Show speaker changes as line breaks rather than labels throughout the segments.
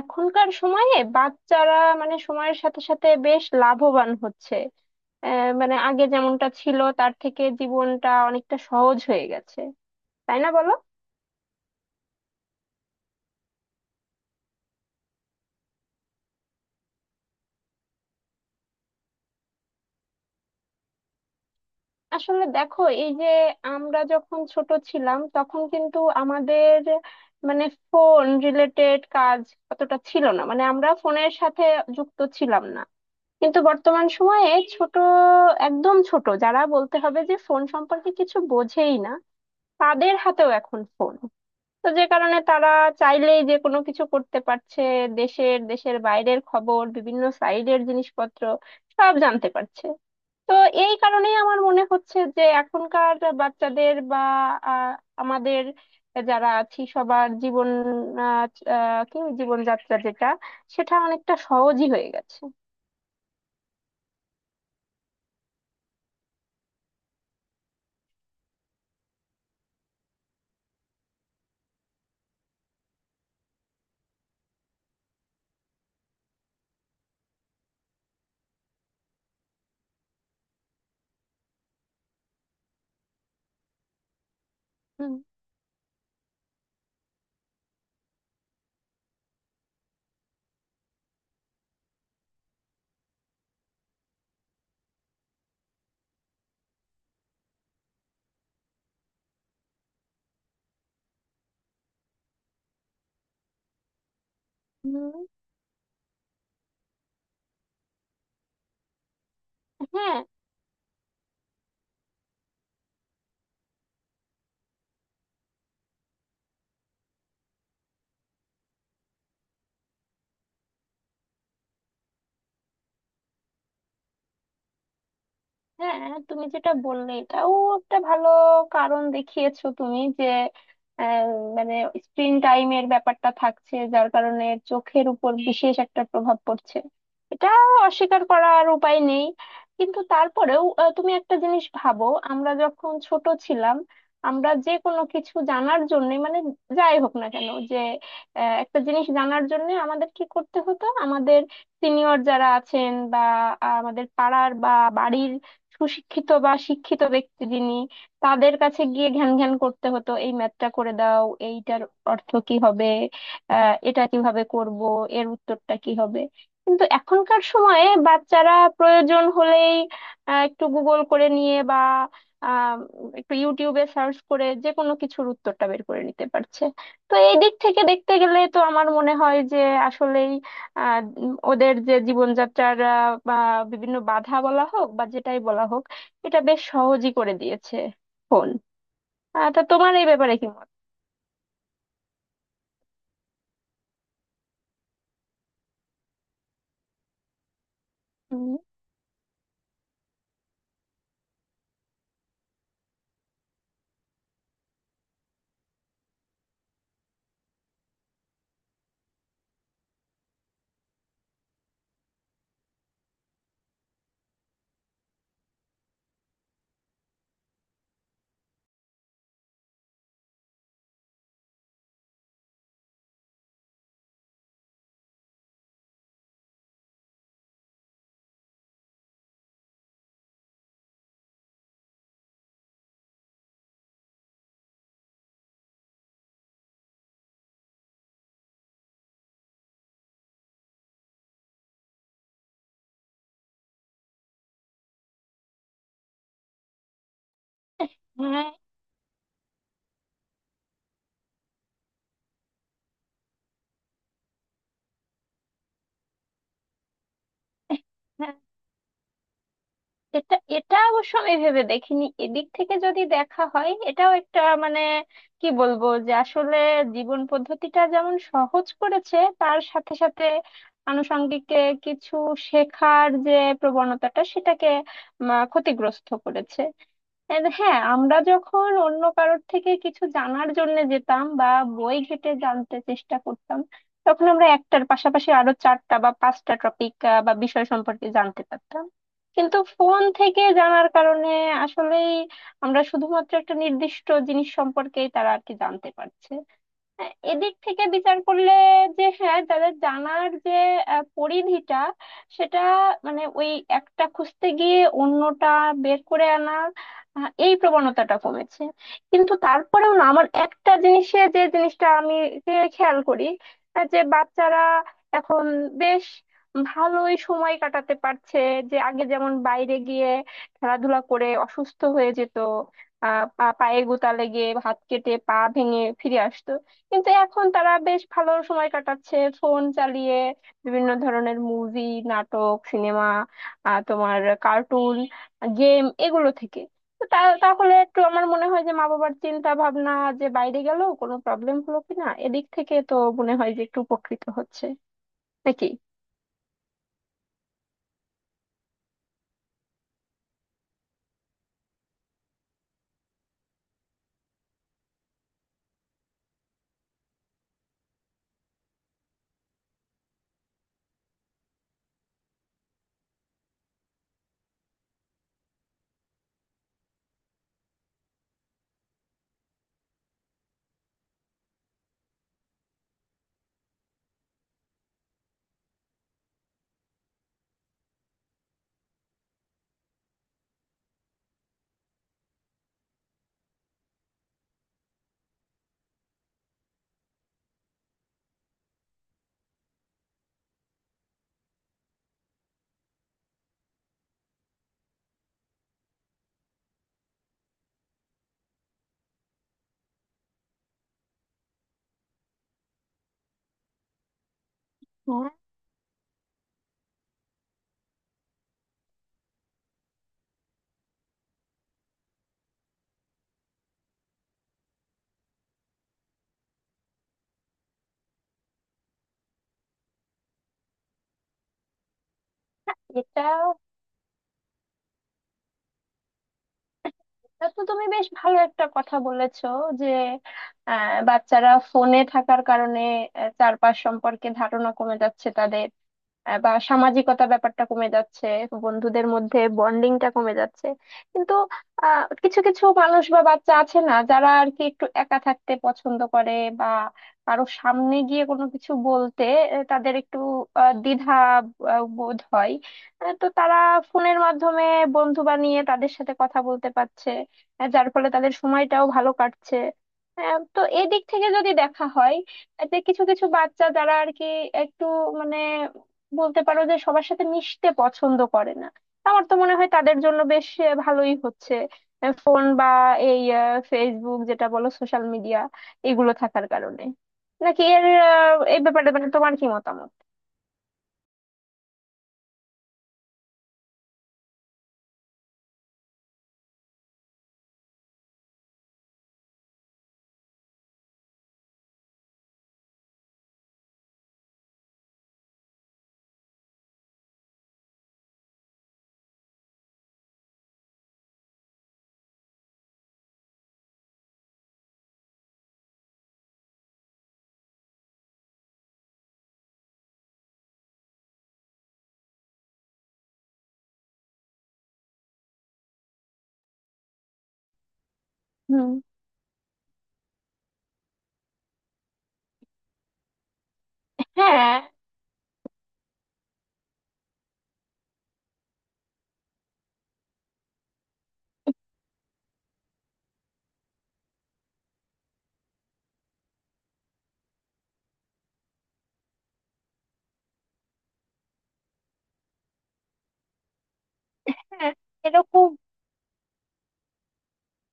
এখনকার সময়ে বাচ্চারা মানে সময়ের সাথে সাথে বেশ লাভবান হচ্ছে। মানে আগে যেমনটা ছিল তার থেকে জীবনটা অনেকটা সহজ হয়ে গেছে, তাই না বলো? আসলে দেখো, এই যে আমরা যখন ছোট ছিলাম তখন কিন্তু আমাদের মানে ফোন রিলেটেড কাজ অতটা ছিল না, মানে আমরা ফোনের সাথে যুক্ত ছিলাম না। কিন্তু বর্তমান সময়ে ছোট, একদম ছোট যারা বলতে হবে যে ফোন সম্পর্কে কিছু বোঝেই না, তাদের হাতেও এখন ফোন। তো যে কারণে তারা চাইলেই যে কোনো কিছু করতে পারছে। দেশের দেশের বাইরের খবর, বিভিন্ন সাইডের জিনিসপত্র সব জানতে পারছে। তো এই কারণেই আমার মনে হচ্ছে যে এখনকার বাচ্চাদের বা আহ, আমাদের যারা আছি সবার জীবন, আহ, কি জীবনযাত্রা যেটা, সেটা অনেকটা সহজই হয়ে গেছে। হুম। হুম। হ্যাঁ। হ্যাঁ, তুমি যেটা বললে এটাও একটা ভালো কারণ দেখিয়েছো তুমি, যে আহ, মানে স্ক্রিন টাইমের ব্যাপারটা থাকছে যার কারণে চোখের উপর বিশেষ একটা প্রভাব পড়ছে। এটা অস্বীকার করার উপায় নেই। কিন্তু তারপরেও তুমি একটা জিনিস ভাবো। আমরা যখন ছোট ছিলাম, আমরা যে কোনো কিছু জানার জন্য মানে যাই হোক না কেন, যে একটা জিনিস জানার জন্য আমাদের কি করতে হতো, আমাদের সিনিয়র যারা আছেন বা আমাদের পাড়ার বা বাড়ির সুশিক্ষিত বা শিক্ষিত ব্যক্তি যিনি, তাদের কাছে গিয়ে ঘ্যান ঘ্যান করতে হতো, এই ম্যাথটা করে দাও, এইটার অর্থ কি হবে, এটা কিভাবে করব, এর উত্তরটা কি হবে। কিন্তু এখনকার সময়ে বাচ্চারা প্রয়োজন হলেই একটু গুগল করে নিয়ে বা আহ, একটু ইউটিউবে সার্চ করে যে কোনো কিছুর উত্তরটা বের করে নিতে পারছে। তো এই দিক থেকে দেখতে গেলে তো আমার মনে হয় যে আসলেই ওদের যে জীবনযাত্রার বা বিভিন্ন বাধা বলা হোক বা যেটাই বলা হোক, এটা বেশ সহজই করে দিয়েছে ফোন। তা তোমার এই ব্যাপারে কি মত? উম, হ্যাঁ, এটা এটা অবশ্য আমি ভেবে দেখিনি, এদিক থেকে যদি দেখা হয় এটাও একটা মানে কি বলবো, যে আসলে জীবন পদ্ধতিটা যেমন সহজ করেছে তার সাথে সাথে আনুষঙ্গিক কিছু শেখার যে প্রবণতাটা সেটাকে ক্ষতিগ্রস্ত করেছে। And হ্যাঁ, আমরা যখন অন্য কারোর থেকে কিছু জানার জন্য যেতাম বা বই ঘেটে জানতে চেষ্টা করতাম, তখন আমরা একটার পাশাপাশি আরো চারটা বা পাঁচটা টপিক বা বিষয় সম্পর্কে জানতে পারতাম। কিন্তু ফোন থেকে জানার কারণে আসলেই আমরা শুধুমাত্র একটা নির্দিষ্ট জিনিস সম্পর্কেই তারা আর কি জানতে পারছে। হ্যাঁ, এদিক থেকে বিচার করলে যে হ্যাঁ, যাদের জানার যে পরিধিটা, সেটা মানে ওই একটা খুঁজতে গিয়ে অন্যটা বের করে আনা, এই প্রবণতাটা কমেছে। কিন্তু তারপরেও না, আমার একটা জিনিসে, যে জিনিসটা আমি যে খেয়াল করি, যে বাচ্চারা এখন বেশ ভালোই সময় কাটাতে পারছে। যে আগে যেমন বাইরে গিয়ে খেলাধুলা করে অসুস্থ হয়ে যেত, পায়ে গোতা লেগে হাত কেটে পা ভেঙে ফিরে আসতো। কিন্তু এখন তারা বেশ ভালো সময় কাটাচ্ছে ফোন চালিয়ে, বিভিন্ন ধরনের মুভি, নাটক, সিনেমা, তোমার কার্টুন, গেম এগুলো থেকে। তো তা তাহলে একটু আমার মনে হয় যে মা বাবার চিন্তা ভাবনা, যে বাইরে গেল, কোনো প্রবলেম হলো কিনা, এদিক থেকে তো মনে হয় যে একটু উপকৃত হচ্ছে। নাকি? হ্যাঁ। এটা এটা তো তুমি বেশ ভালো একটা কথা বলেছো, যে বাচ্চারা ফোনে থাকার কারণে চারপাশ সম্পর্কে ধারণা কমে যাচ্ছে তাদের, বা সামাজিকতা ব্যাপারটা কমে যাচ্ছে, বন্ধুদের মধ্যে বন্ডিংটা কমে যাচ্ছে। কিন্তু কিছু কিছু মানুষ বা বাচ্চা আছে না যারা আর কি একটু একা থাকতে পছন্দ করে, বা কারো সামনে গিয়ে কোনো কিছু বলতে তাদের একটু দ্বিধা বোধ হয়। তো তারা ফোনের মাধ্যমে বন্ধু বানিয়ে তাদের সাথে কথা বলতে পারছে, যার ফলে তাদের সময়টাও ভালো কাটছে। তো এই দিক থেকে যদি দেখা হয়, যে কিছু কিছু বাচ্চা যারা আর কি একটু মানে বলতে পারো যে সবার সাথে মিশতে পছন্দ করে না, তা আমার তো মনে হয় তাদের জন্য বেশ ভালোই হচ্ছে ফোন বা এই ফেসবুক যেটা বলো, সোশ্যাল মিডিয়া, এগুলো থাকার কারণে। নাকি এর এই ব্যাপারে মানে তোমার কি মতামত? হুম। হ্যাঁ। হ্যাঁ, এরকম।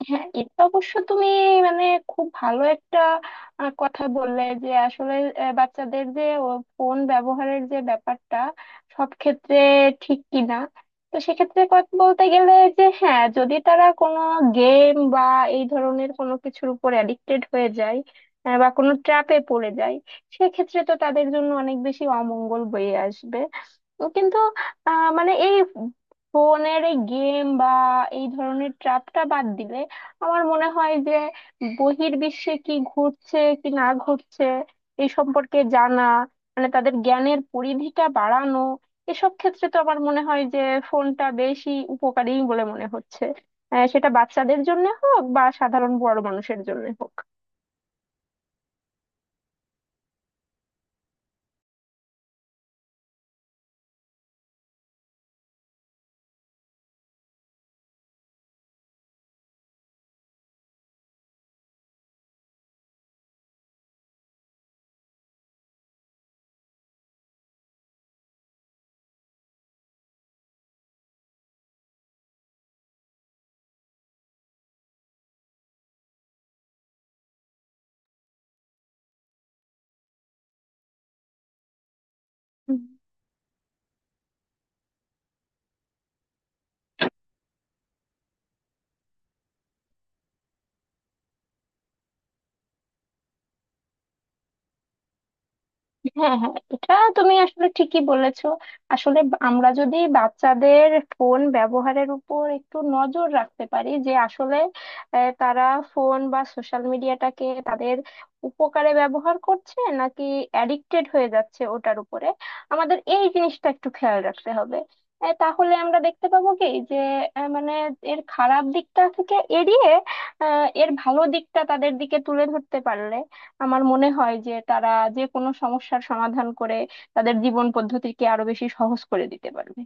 হ্যাঁ, এটা অবশ্য তুমি মানে খুব ভালো একটা কথা বললে, যে আসলে বাচ্চাদের যে ফোন ব্যবহারের যে ব্যাপারটা সব ক্ষেত্রে ঠিক কিনা। তো সেক্ষেত্রে কথা বলতে গেলে, যে হ্যাঁ যদি তারা কোনো গেম বা এই ধরনের কোনো কিছুর উপর অ্যাডিক্টেড হয়ে যায় বা কোনো ট্র্যাপে পড়ে যায়, সেক্ষেত্রে তো তাদের জন্য অনেক বেশি অমঙ্গল বয়ে আসবে। তো কিন্তু মানে এই ফোনের এই গেম বা এই ধরনের ট্র্যাপটা বাদ দিলে আমার মনে হয় যে বহির্বিশ্বে কি ঘটছে কি না ঘটছে এই সম্পর্কে জানা, মানে তাদের জ্ঞানের পরিধিটা বাড়ানো, এসব ক্ষেত্রে তো আমার মনে হয় যে ফোনটা বেশি উপকারী বলে মনে হচ্ছে, সেটা বাচ্চাদের জন্য হোক বা সাধারণ বড় মানুষের জন্য হোক। হ্যাঁ, হ্যাঁ, এটা তুমি আসলে ঠিকই বলেছো। আসলে আমরা যদি বাচ্চাদের ফোন ব্যবহারের উপর একটু নজর রাখতে পারি, যে আসলে তারা ফোন বা সোশ্যাল মিডিয়াটাকে তাদের উপকারে ব্যবহার করছে নাকি অ্যাডিক্টেড হয়ে যাচ্ছে ওটার উপরে, আমাদের এই জিনিসটা একটু খেয়াল রাখতে হবে। তাহলে আমরা দেখতে পাবো কি, যে মানে এর খারাপ দিকটা থেকে এড়িয়ে এর ভালো দিকটা তাদের দিকে তুলে ধরতে পারলে আমার মনে হয় যে তারা যে কোনো সমস্যার সমাধান করে তাদের জীবন পদ্ধতিকে আরো বেশি সহজ করে দিতে পারবে।